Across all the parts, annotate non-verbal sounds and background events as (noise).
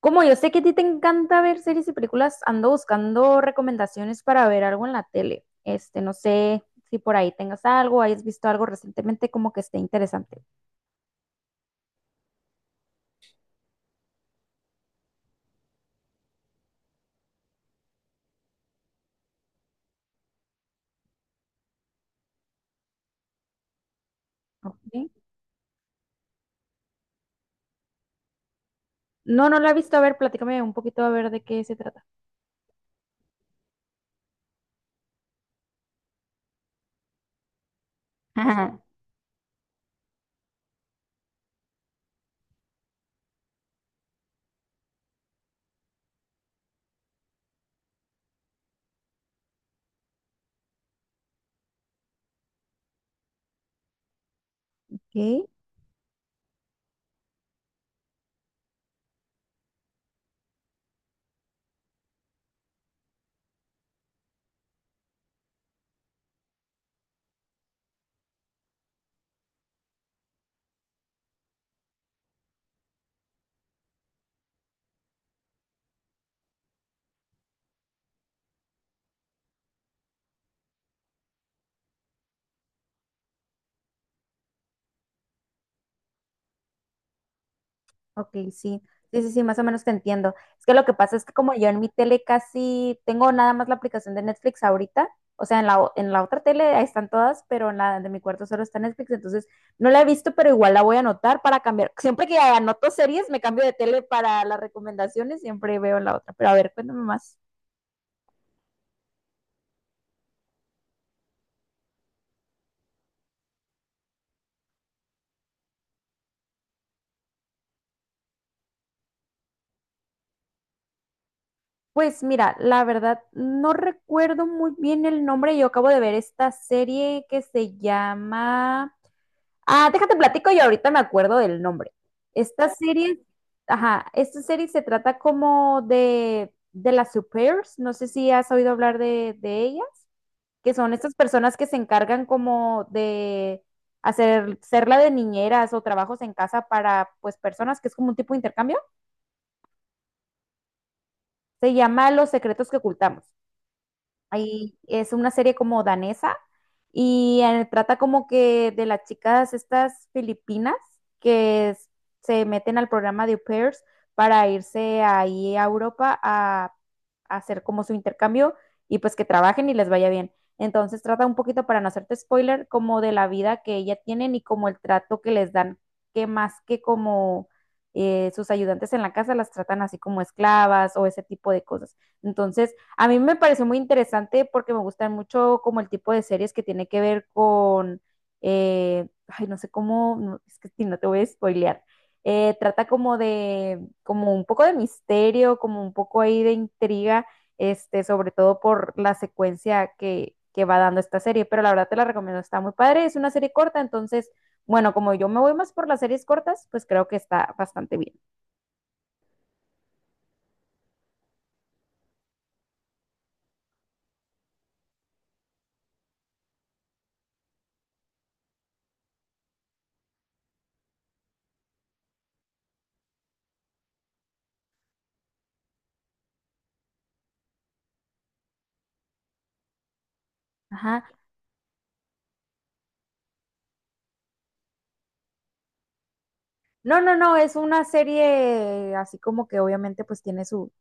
Como yo sé que a ti te encanta ver series y películas, ando buscando recomendaciones para ver algo en la tele. No sé si por ahí tengas algo, hayas visto algo recientemente como que esté interesante. Ok. No, no la he visto. A ver, platícame un poquito a ver de qué se trata. Ajá. Ok. Ok, sí, sí, sí, más o menos te entiendo. Es que lo que pasa es que como yo en mi tele casi tengo nada más la aplicación de Netflix ahorita, o sea, en la, en la otra tele ahí están todas, pero en la de mi cuarto solo está Netflix, entonces no la he visto, pero igual la voy a anotar para cambiar. (laughs) Siempre que anoto series, me cambio de tele para las recomendaciones, siempre veo en la otra. Pero a ver, cuéntame más. Pues mira, la verdad no recuerdo muy bien el nombre, yo acabo de ver esta serie que se llama... Ah, déjate platico y ahorita me acuerdo del nombre. Esta serie, ajá, esta serie se trata como de las supers, no sé si has oído hablar de ellas, que son estas personas que se encargan como de hacer, ser la de niñeras o trabajos en casa para pues personas, que es como un tipo de intercambio. Se llama Los secretos que ocultamos. Ahí es una serie como danesa y trata como que de las chicas estas filipinas que s- se meten al programa de au pairs para irse ahí a Europa a hacer como su intercambio y pues que trabajen y les vaya bien. Entonces trata un poquito, para no hacerte spoiler, como de la vida que ella tienen y como el trato que les dan, que más que como sus ayudantes en la casa las tratan así como esclavas o ese tipo de cosas. Entonces, a mí me pareció muy interesante porque me gustan mucho como el tipo de series que tiene que ver con, ay, no sé cómo, no, es que si no te voy a spoilear. Trata como de, como un poco de misterio, como un poco ahí de intriga, sobre todo por la secuencia que va dando esta serie, pero la verdad te la recomiendo, está muy padre, es una serie corta, entonces, bueno, como yo me voy más por las series cortas, pues creo que está bastante bien. Ajá. No, no, no, es una serie así como que obviamente pues tiene su.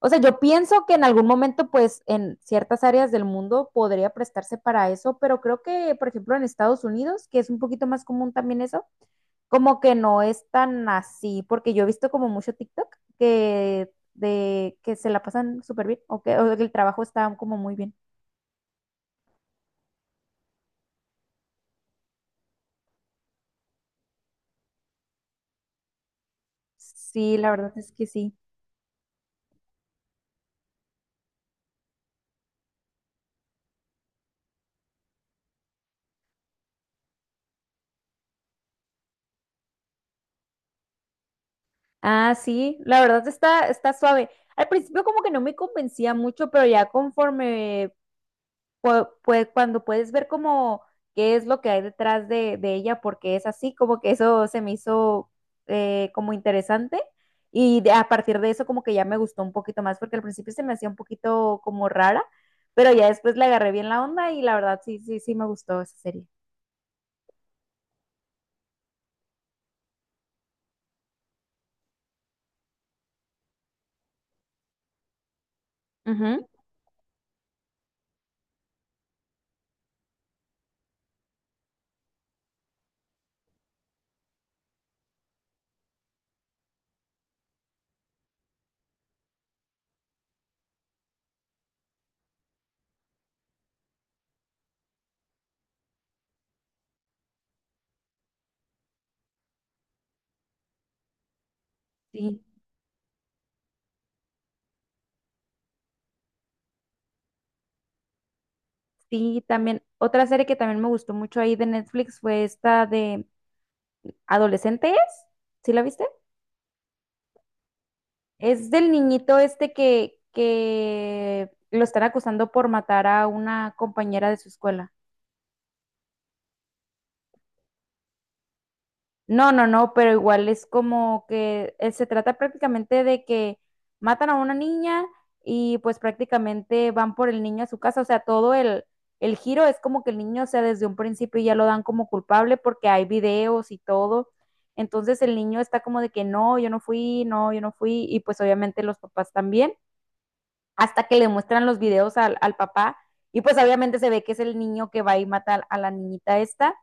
O sea, yo pienso que en algún momento, pues, en ciertas áreas del mundo podría prestarse para eso, pero creo que, por ejemplo, en Estados Unidos, que es un poquito más común también eso, como que no es tan así, porque yo he visto como mucho TikTok que de que se la pasan súper bien o que el trabajo está como muy bien. Sí, la verdad es que sí. Ah, sí, la verdad está, está suave. Al principio como que no me convencía mucho, pero ya conforme cuando puedes ver como qué es lo que hay detrás de ella, porque es así, como que eso se me hizo como interesante y a partir de eso como que ya me gustó un poquito más, porque al principio se me hacía un poquito como rara, pero ya después le agarré bien la onda y la verdad sí, sí, sí me gustó esa serie. Ujú. Sí, sí, también otra serie que también me gustó mucho ahí de Netflix fue esta de Adolescentes, ¿sí la viste? Es del niñito este que lo están acusando por matar a una compañera de su escuela. No, no, no, pero igual es como que se trata prácticamente de que matan a una niña y pues prácticamente van por el niño a su casa. O sea, todo el giro es como que el niño, o sea, desde un principio ya lo dan como culpable porque hay videos y todo. Entonces el niño está como de que no, yo no fui, no, yo no fui, y pues obviamente los papás también, hasta que le muestran los videos al, al papá y pues obviamente se ve que es el niño que va y mata a la niñita esta,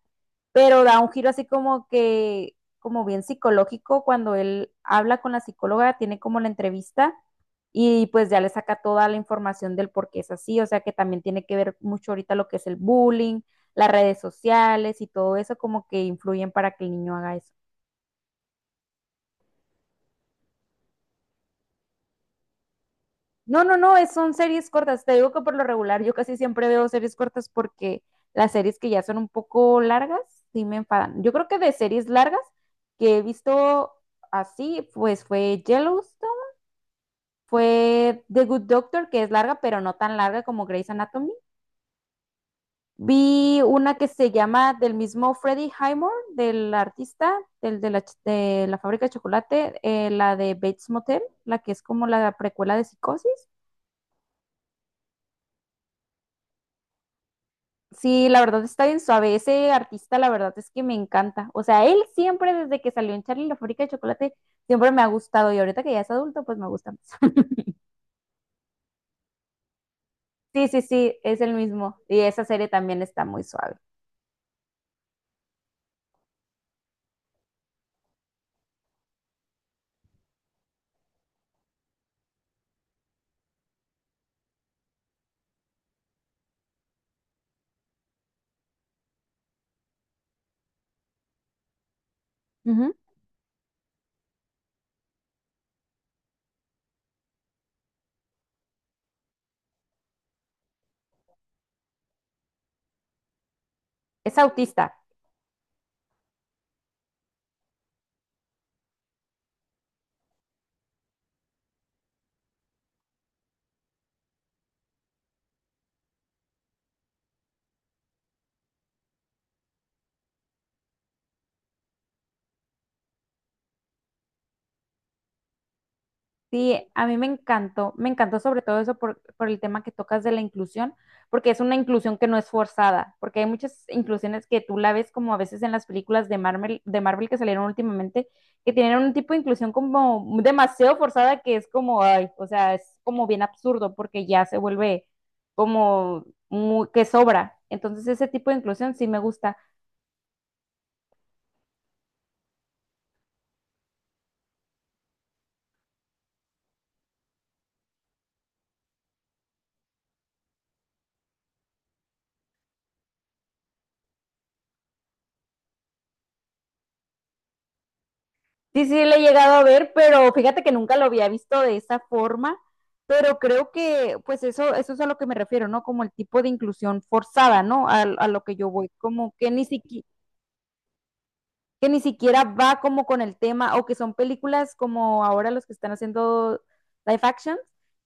pero da un giro así como que, como bien psicológico, cuando él habla con la psicóloga, tiene como la entrevista y pues ya le saca toda la información del por qué es así, o sea que también tiene que ver mucho ahorita lo que es el bullying, las redes sociales y todo eso como que influyen para que el niño haga eso. No, no, no, es, son series cortas. Te digo que por lo regular yo casi siempre veo series cortas porque las series que ya son un poco largas sí me enfadan. Yo creo que de series largas que he visto así, pues fue Yellowstone, fue The Good Doctor, que es larga, pero no tan larga como Grey's Anatomy. Vi una que se llama del mismo Freddie Highmore, del artista, del, de, la, de la fábrica de chocolate, la de Bates Motel, la que es como la precuela de Psicosis. Sí, la verdad está bien suave. Ese artista, la verdad es que me encanta. O sea, él siempre, desde que salió en Charlie y la fábrica de chocolate, siempre me ha gustado. Y ahorita que ya es adulto, pues me gusta más. (laughs) Sí, sí, sí, es el mismo. Y esa serie también está muy suave. Ujú. Es autista. Sí, a mí me encantó sobre todo eso por el tema que tocas de la inclusión, porque es una inclusión que no es forzada, porque hay muchas inclusiones que tú la ves como a veces en las películas de Marvel que salieron últimamente, que tienen un tipo de inclusión como demasiado forzada que es como, ay, o sea, es como bien absurdo porque ya se vuelve como muy- que sobra. Entonces ese tipo de inclusión sí me gusta. Sí, sí, le he llegado a ver, pero fíjate que nunca lo había visto de esa forma, pero creo que pues eso es a lo que me refiero, ¿no? Como el tipo de inclusión forzada, ¿no? A lo que yo voy, como que ni siquiera va como con el tema, o que son películas como ahora los que están haciendo live action,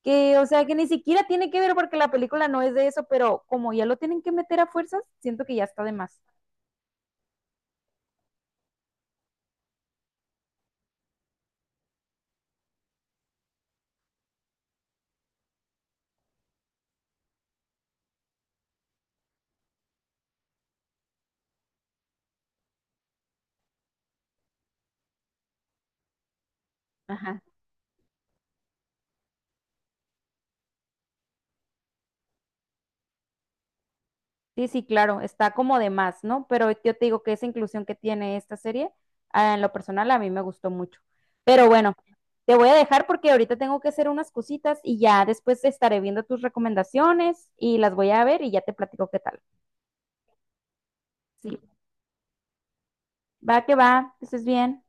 que o sea que ni siquiera tiene que ver porque la película no es de eso, pero como ya lo tienen que meter a fuerzas, siento que ya está de más. Ajá. Sí, sí, claro, está como de más, ¿no? Pero yo te digo que esa inclusión que tiene esta serie, ah, en lo personal, a mí me gustó mucho. Pero bueno, te voy a dejar porque ahorita tengo que hacer unas cositas y ya después estaré viendo tus recomendaciones y las voy a ver y ya te platico qué tal. Sí, va, que estés bien.